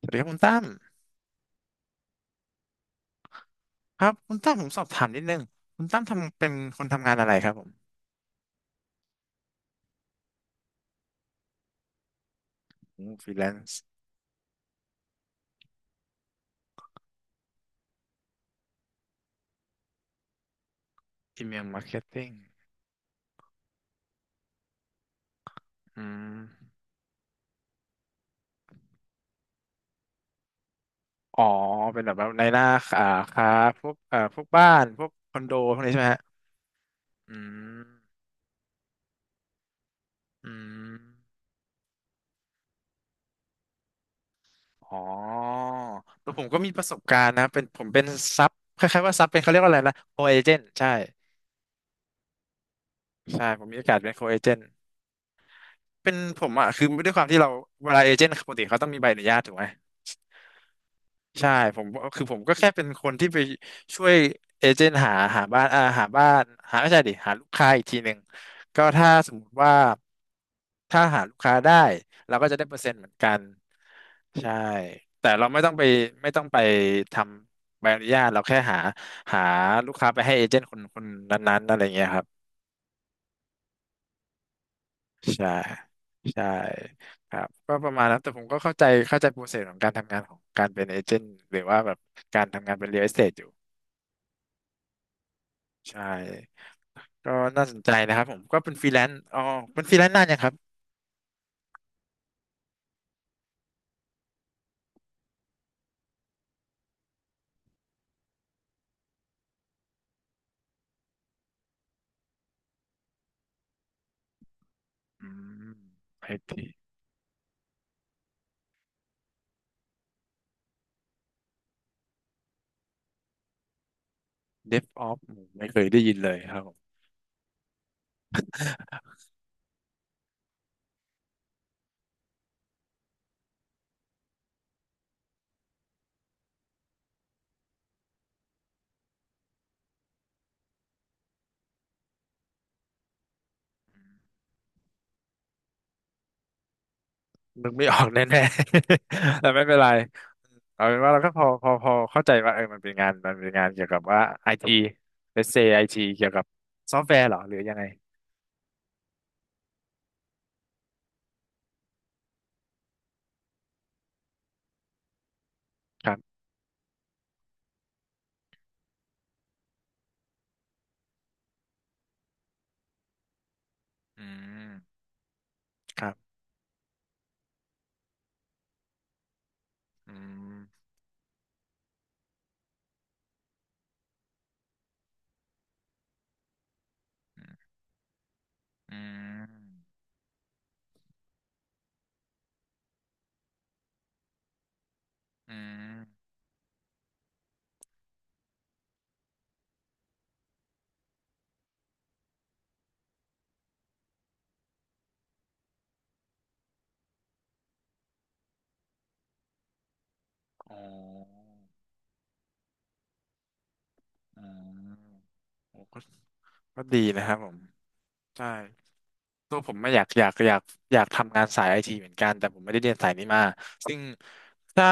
สวัสดีครับคุณตั้มครับคุณตั้มผมสอบถามนิดนึงคุณตั้มทำเป็นคนทำงานอะไรครับผมฟรีแลนซ์อีเมลมาร์เก็ตติ้งอืมอ๋อเป็นแบบว่าในหน้าอ่าค้าพวกพวกบ้านพวกคอนโดพวกนี้ใช่ไหมฮะอืมอืมอ๋อแล้วผมก็มีประสบการณ์นะเป็นผมเป็นซับคล้ายๆว่าซับเป็นเขาเรียกว่าอะไรนะโคเอเจนต์ใช่ใช่ผมมีโอกาสเป็นโคเอเจนต์เป็นผมอ่ะคือด้วยความที่เราเวลาเอเจนต์ปกติเขาต้องมีใบอนุญาตถูกไหม ใช่ผมคือผมก็แค่เป็นคนที่ไปช่วยเอเจนต์หาบ้านหาบ้านหาไม่ใช่ดิหาลูกค้าอีกทีหนึ่งก็ถ้าสมมติว่าถ้าหาลูกค้าได้เราก็จะได้เปอร์เซ็นต์เหมือนกันใช่แต่เราไม่ต้องไปทำใบอนุญาตเราแค่หาลูกค้าไปให้เอเจนต์คนคนนั้นๆอะไรเงี้ยครับใช่ใช่ครับก็ประมาณนั้นแต่ผมก็เข้าใจโปรเซสของการทำงานของการเป็นเอเจนต์หรือว่าแบบการทำงานเป็นเรียลเอสเตทอยู่ ใช่ก็น่าสนใจนะครับผมก็เป็นฟรีแลนซ์อ๋อเป็นฟรีแลนซ์นานยังครับอืมไอทีเดฟออฟไม่เคยได้ยินเลยครับผมนึกไม่ออกแน่ๆ แต่ไม่เป็นไรเอาเป็นว่าเราก็พอเข้าใจว่าเออมันเป็นงานมันเป็นงานเกี่ยวกับว่าไอทีเลสเซไอทีเกี่ยวกับซอฟต์แวร์เหรอหรือยังไงครับอืมครับอืมอืมอืมอ๋ออืมโอ้ก็ดีนะครับผมใช่ ตัวผมไม่อยากทำงานสายไอทีเหมือนกันแต่ผมไม่ได้เรียนสายนี้มาซึ่งถ้า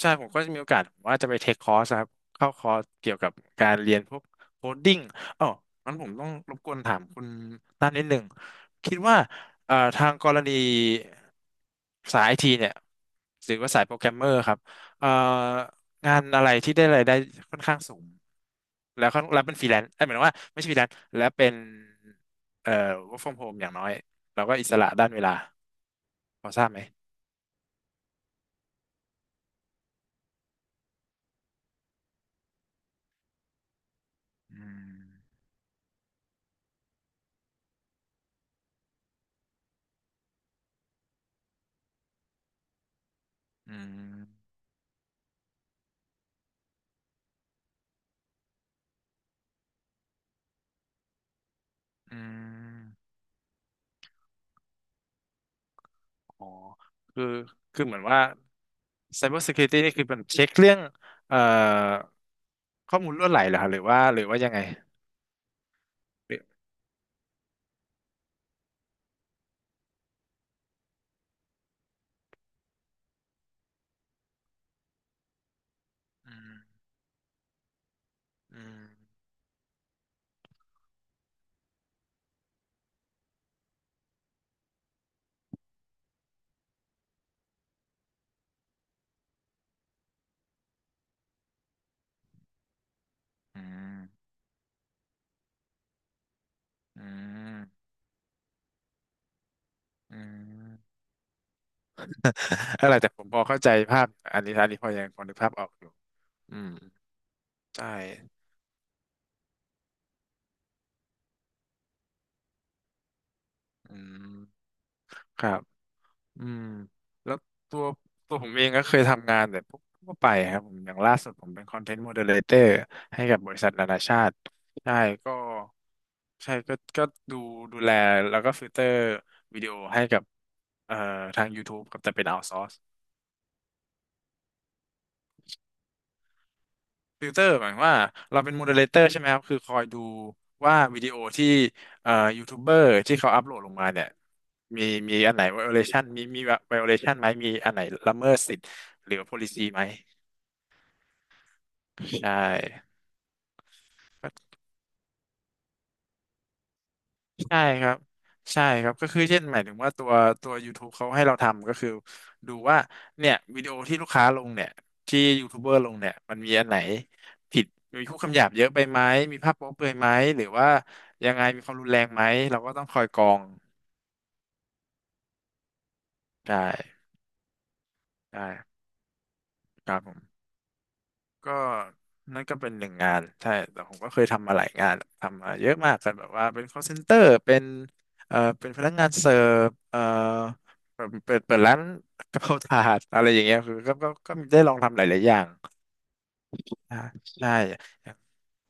ใช่ผมก็จะมีโอกาสผมว่าจะไปเทคคอร์สครับเข้าคอร์สเกี่ยวกับการเรียนพวกโคดดิ้งอ๋องั้นผมต้องรบกวนถามคุณด้านนิดหนึ่งคิดว่าทางกรณีสายไอทีเนี่ยหรือว่าสายโปรแกรมเมอร์ครับเอ่องานอะไรที่ได้รายได้ค่อนข้างสูงแล้วค่อนแล้วเป็นฟรีแลนซ์เอ้ยหมายถึงว่าไม่ใช่ฟรีแลนซ์แล้วเป็น เอ่อ work from home อย่างน้อยเราก็อิสระด้านเวลาพอทราบไหมอืมอืมอืมอ๋อคือคือเหมือนว่า Cyber Security นี่คือเป็นเช็คเรื่องเอ่อข้อมูลรั่วไหลเหรอครับหรือว่าหรือว่ายังไงหรืออืมอืมอืมอืมอืม อะไรแต่ผมพอเข้าใจภาพอันนี้อันนี้พอยังพอนึกภาพออกอยู่อืมใช่อืมครับ อืมแล้วตัวตัวผมเองก็เคยทำงานแบบพวกทั่วไปครับผมอย่างล่าสุดผมเป็นคอนเทนต์โมเดเลเตอร์ให้กับบริษัทนานาชาติใช่ก็ใช่ก็ดูดูแลแล้วก็ฟิลเตอร์วิดีโอให้กับเอ่อทาง YouTube กับแต่เป็นเอา s o ซอร์ฟิลเตอร์หมายความว่าเราเป็นโมเดเลเตอร์ใช่ไหมครับคือคอยดูว่าวิดีโอที่เอ่อยูทูบเบอร์ที่เขาอัพโหลดลงมาเนี่ยมีมีอันไหน violation มี violation ไหมมีอันไหนละเมิดสิทธิ์หรือ policy ไหม ใช่ใช่ครับใช่ครับก็คือเช่นหมายถึงว่าตัว YouTube เขาให้เราทำก็คือดูว่าเนี่ยวิดีโอที่ลูกค้าลงเนี่ยที่ยูทูบเบอร์ลงเนี่ยมันมีอันไหนผิดมีพูดคำหยาบเยอะไปไหมมีภาพโป๊เปลือยไหมหรือว่ายังไงมีความรุนแรงไหมเราก็ต้องคอยกรองใช่ใช่ครับผม ก็นั่นก็เป็นหนึ่งงานใช่แต่ผมก็เคยทำมาหลายงานทำมาเยอะมากกันแบบว่าเป็น call center เป็นเป็นพนักงานเสิร์ฟเปิดร้านกะเพราถาดอะไรอย่างเงี้ยคือก็ได้ลองทำหลายๆอย่างอ่าใช่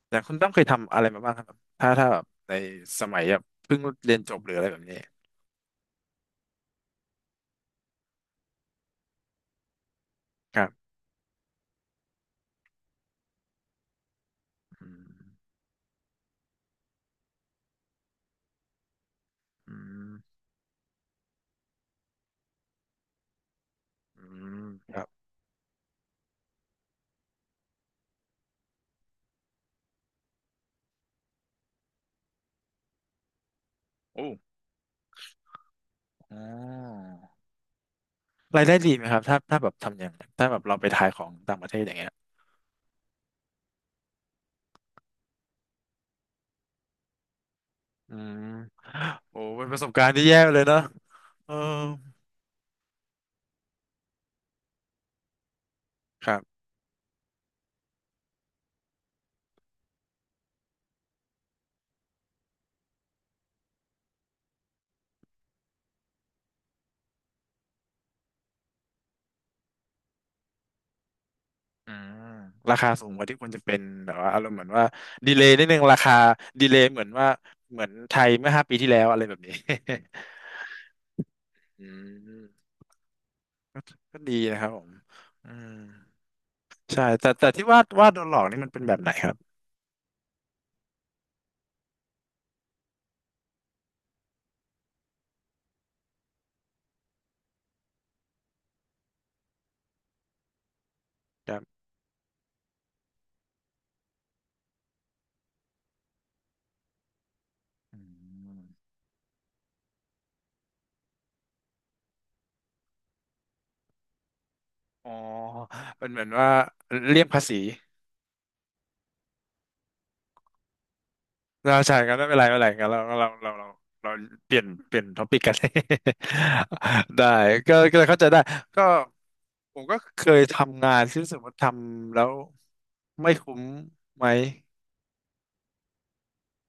แต่คุณต้องเคยทำอะไรมาบ้างครับถ้าถ้าแบบในสมัยแบบเพิ่งเรียนจบหรืออะไรแบบนี้ครับอืมอืมอืมครับโอ้อ๋อรายได้ดีไหมครับถ้าถ้าแบบทำอย่างถ้าแบบเราไปขายของต่างประเทศอย่างเงี้ย อืมโอ้เป็นประสบการณ์ที่แย่เลยเนอะเออครับอืมราคาสูงกว่าที่ควรจะเป็นแบบว่าอารมณ์เหมือนว่าดีเลย์นิดนึงราคาดีเลย์เหมือนว่าเหมือนไทยเมื่อ5 ปีที่แล้วอะไรแบบนี้ อืมก็ดีนะครับผมอืมใช่แต่ที่ว่าโดนหลอกนี่มันเป็นแบบไหนครับครับอืมอ๋อเป็นเหมือนว่าเลี่ยงภาษี เราใช่กันไม่เป็นไรไม่เป็นไรกันเราเปลี่ยนท็อปิกกัน ได้ก็เลยเข้าใจได้ก็ผมก็เคยทำงานที่รู้สึกว่าทำแล้วไม่คุ้มไหม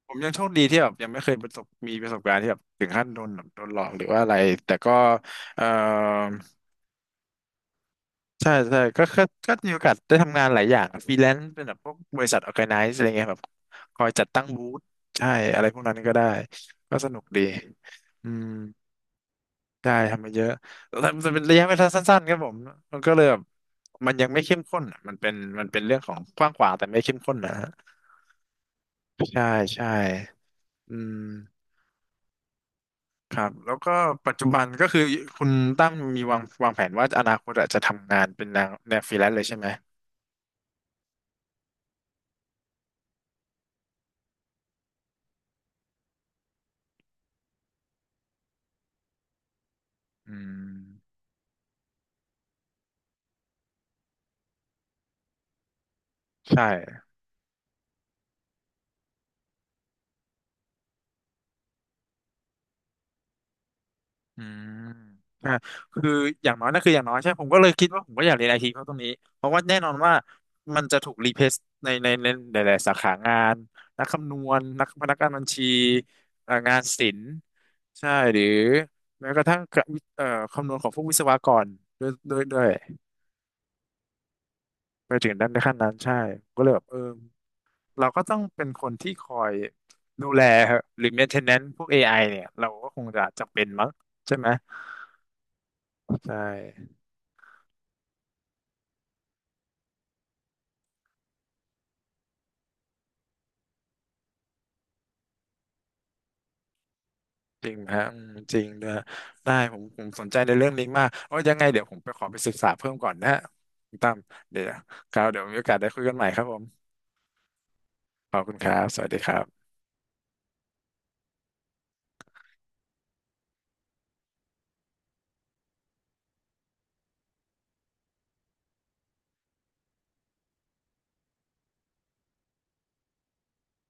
ผมยังโชคดีที่แบบยังไม่เคยประสบมีประสบการณ์ที่แบบถึงขั้นโดนแบบโดนหลอกหรือว่าอะไรแต่ก็เอ่อ ใช่ใช่ก็มีโอกาสได้ทำงานหลายอย่างฟรีแลนซ์เป็นแบบพวกบริษัทออร์แกไนซ์อะไรเงี้ยแบบคอยจัดตั้งบูธใช่อะไรพวกนั้นก็ได้ก็สนุกดีอืมได้ทำมาเยอะแต่แต่เป็นระยะเวลาสั้นๆครับผมมันก็เลยแบบมันยังไม่เข้มข้นอะมันเป็นมันเป็นเรื่องของกว้างขวางแต่ไม่เข้มข้นนะฮะใช่ใช่อืมครับแล้วก็ปัจจุบันก็คือคุณตั้มมีวางแผนว่าอนาคตอะจะทำงานเป็นแนวฟรีแลนซ์เลยใช่ไหมอืมใช่ อืมอ่าคืออย่างน้อยนั่นคืออย่างน้อยใช่ผมก็เลยคิดว่าผมก็อยากเรียนไอทีเพราะตรงนี้ เพราะว่าแน่นอนว่ามันจะถูกรีเพลซในหลายๆสาขางานนักคำนวณนักพนักงานบัญชีงานศิลป์ใช่หรือแม้กระทั่งกะวิคำนวณของพวกวิศวกรด้วยไปถึงด้านในขั้นนั้นใช่ผมก็เลยแบบเออเราก็ต้องเป็นคนที่คอยดูแลหรือ maintenance พวกเอไอเนี่ยเราก็คงจะจำเป็นมั้งใช่ไหมใช่ จริงฮะอืมจริงนะได้ผมผมสนใจในเรื่องนี้มากโอ้ยยังไงเดี๋ยวผมไปขอไปศึกษาเพิ่มก่อนนะฮะคุณตั้มเดี๋ยวครับเดี๋ยวมีโอกาสได้คุยกันใหม่ครับผมขอบคุณครับสวัสดีครับ